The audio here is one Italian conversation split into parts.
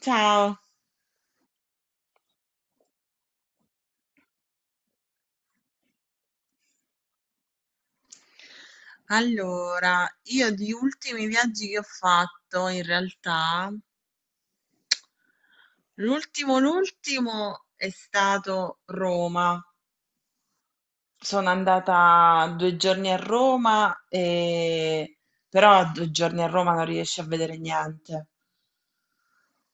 Ciao. Allora, io di ultimi viaggi che ho fatto, in realtà, l'ultimo è stato Roma. Sono andata 2 giorni a Roma, però a 2 giorni a Roma non riesci a vedere niente.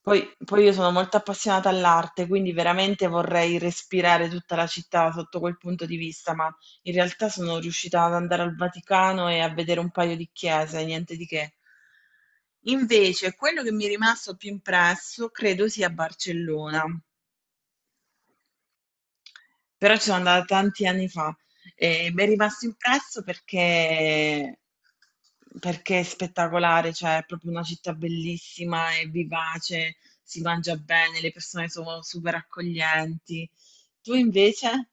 Poi io sono molto appassionata all'arte, quindi veramente vorrei respirare tutta la città sotto quel punto di vista, ma in realtà sono riuscita ad andare al Vaticano e a vedere un paio di chiese, niente di che. Invece, quello che mi è rimasto più impresso credo sia Barcellona. Però ci sono andata tanti anni fa e mi è rimasto impresso perché è spettacolare, cioè è proprio una città bellissima, è vivace, si mangia bene, le persone sono super accoglienti. Tu invece?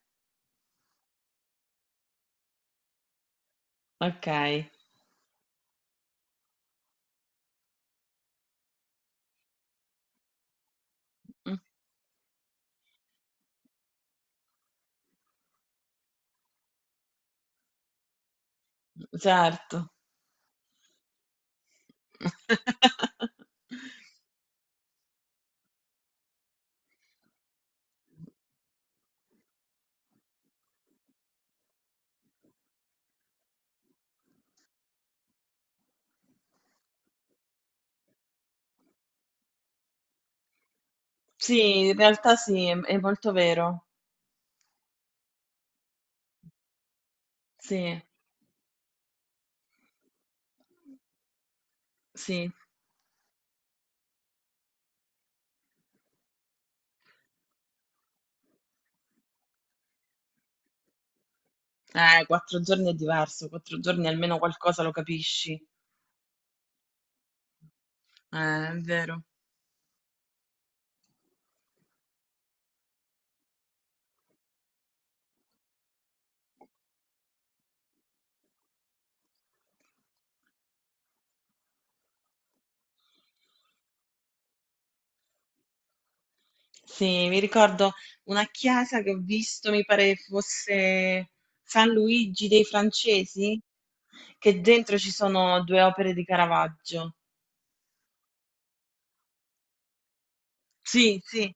Ok. Mm. Certo. Sì, in realtà sì, è molto vero. Sì, sì. 4 giorni è diverso, 4 giorni almeno qualcosa lo capisci. È vero. Sì, mi ricordo una chiesa che ho visto, mi pare fosse San Luigi dei Francesi, che dentro ci sono due opere di Caravaggio. Sì, sì.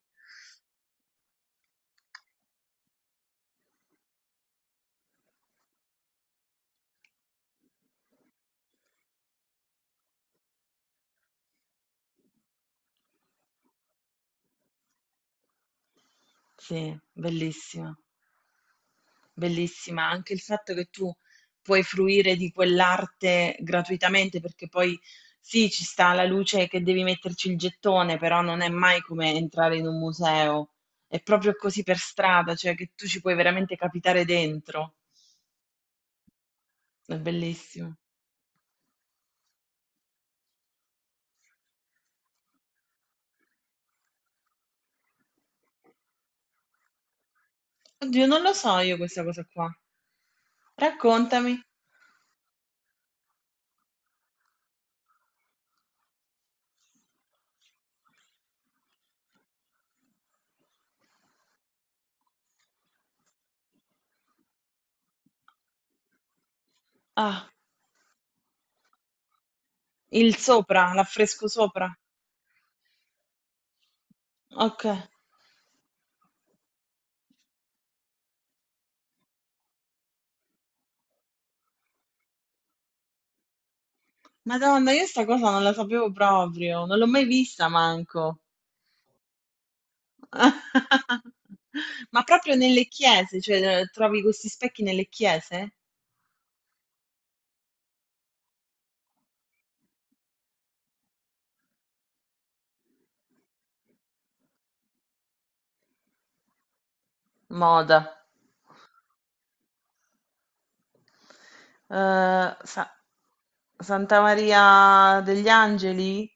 Sì, bellissima. Bellissima, anche il fatto che tu puoi fruire di quell'arte gratuitamente, perché poi sì, ci sta la luce che devi metterci il gettone, però non è mai come entrare in un museo, è proprio così per strada, cioè che tu ci puoi veramente capitare dentro. È bellissimo. Oddio, non lo so io questa cosa qua. Raccontami. Ah, il sopra, l'affresco sopra. Ok. Madonna, io sta cosa non la sapevo proprio, non l'ho mai vista manco. Ma proprio nelle chiese, cioè trovi questi specchi nelle chiese? Moda. Eh, Sa- Santa Maria degli Angeli?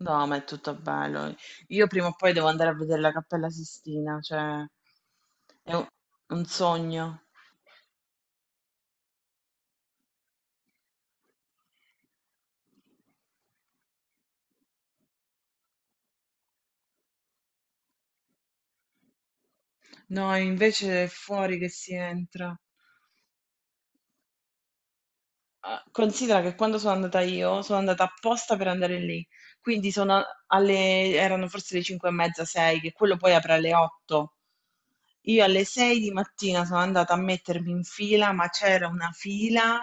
No, ma è tutto bello. Io prima o poi devo andare a vedere la Cappella Sistina, cioè è un sogno. No, invece è fuori che si entra. Ah, considera che quando sono andata io, sono andata apposta per andare lì, quindi sono alle, erano forse le 5 e mezza, 6, che quello poi apre alle 8. Io alle 6 di mattina sono andata a mettermi in fila, ma c'era una fila,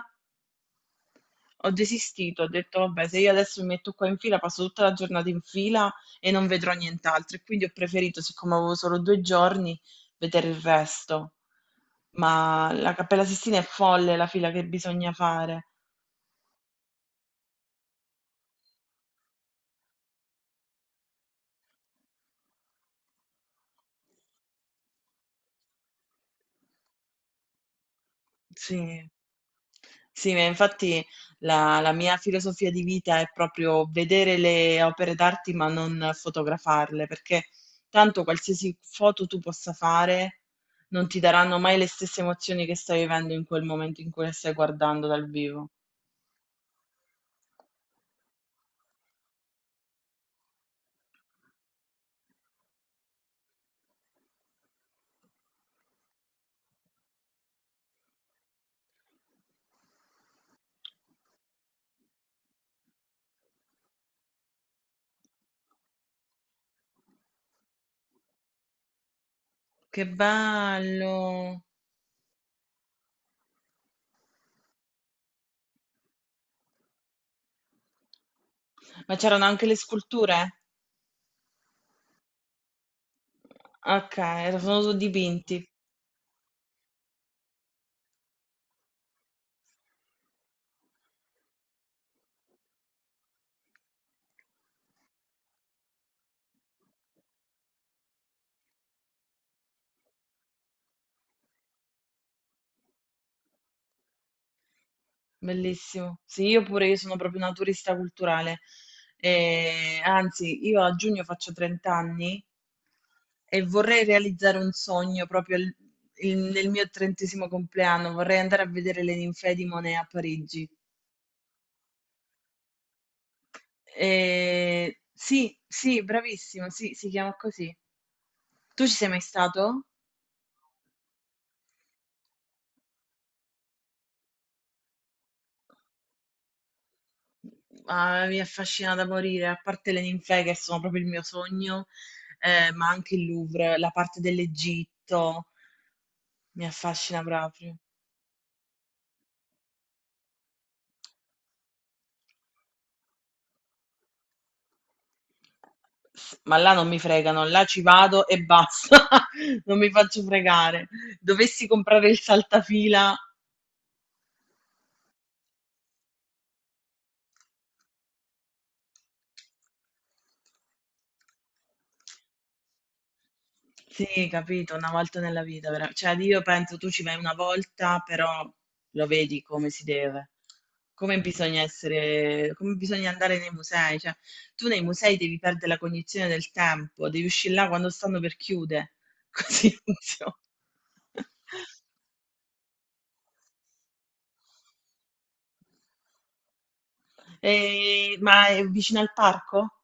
ho desistito, ho detto vabbè, se io adesso mi metto qua in fila, passo tutta la giornata in fila e non vedrò nient'altro, e quindi ho preferito, siccome avevo solo 2 giorni, vedere il resto. Ma la Cappella Sistina è folle la fila che bisogna fare. Sì. Sì, ma infatti la mia filosofia di vita è proprio vedere le opere d'arte, ma non fotografarle, perché tanto qualsiasi foto tu possa fare non ti daranno mai le stesse emozioni che stai vivendo in quel momento in cui le stai guardando dal vivo. Che bello! Ma c'erano anche le sculture? Ok, sono dipinti. Bellissimo. Sì, io pure, io sono proprio una turista culturale. Anzi, io a giugno faccio 30 anni e vorrei realizzare un sogno proprio nel mio trentesimo compleanno. Vorrei andare a vedere le ninfee di Monet a Parigi. Sì, sì, bravissimo, sì, si chiama così. Tu ci sei mai stato? Ah, mi affascina da morire, a parte le ninfee che sono proprio il mio sogno, ma anche il Louvre, la parte dell'Egitto. Mi affascina proprio. S ma là non mi fregano, là ci vado e basta, non mi faccio fregare. Dovessi comprare il saltafila sì, capito, una volta nella vita, vera cioè io penso tu ci vai una volta, però lo vedi come si deve. Come bisogna essere, come bisogna andare nei musei, cioè tu nei musei devi perdere la cognizione del tempo, devi uscire là quando stanno per chiudere. Così funziona. Ma è vicino al parco?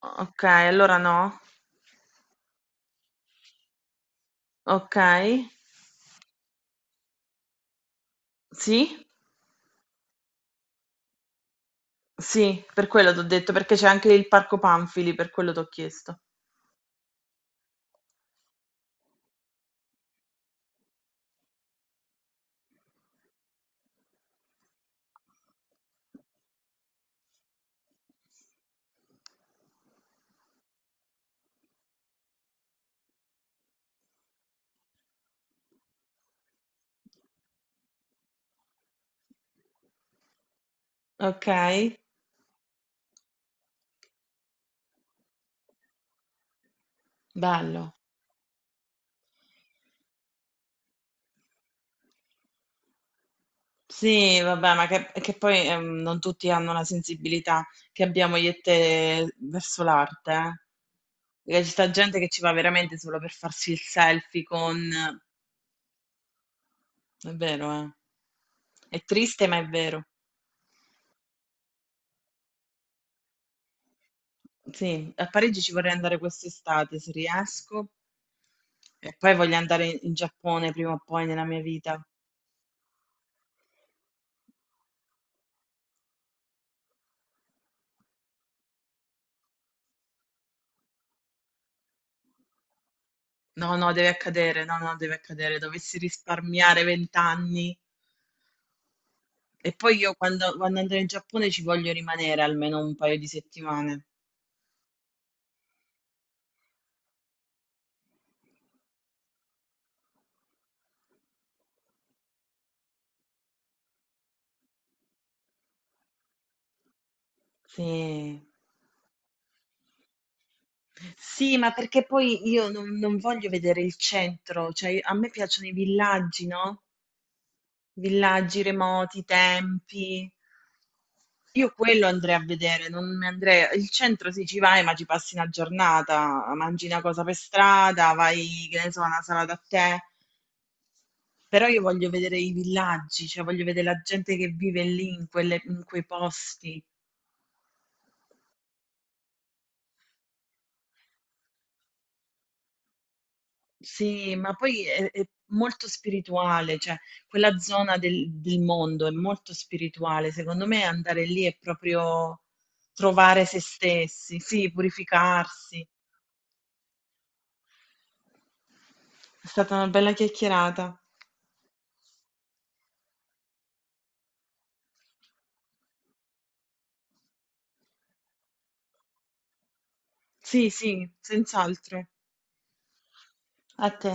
Ok, allora no. Ok, sì, sì, per quello ti ho detto, perché c'è anche il parco Panfili, per quello ti ho chiesto. Ok, bello. Sì, vabbè, ma che poi non tutti hanno la sensibilità che abbiamo io e te verso l'arte, eh. Perché ci sta gente che ci va veramente solo per farsi il selfie con. È vero, eh. È triste, ma è vero. Sì, a Parigi ci vorrei andare quest'estate se riesco e poi voglio andare in Giappone prima o poi nella mia vita. No, no, deve accadere, no, no, deve accadere. Dovessi risparmiare 20 anni e poi io quando, andrò in Giappone ci voglio rimanere almeno un paio di settimane. Sì. Sì, ma perché poi io non voglio vedere il centro, cioè a me piacciono i villaggi, no? Villaggi remoti, tempi. Io quello andrei a vedere, non mi andrei. Il centro sì, ci vai, ma ci passi una giornata, mangi una cosa per strada, vai, che ne so, a una sala da tè. Però io voglio vedere i villaggi, cioè voglio vedere la gente che vive lì, in quei posti. Sì, ma poi è molto spirituale, cioè quella zona del mondo è molto spirituale. Secondo me andare lì è proprio trovare se stessi, sì, purificarsi. È stata una bella chiacchierata. Sì, sì, senz'altro. A te.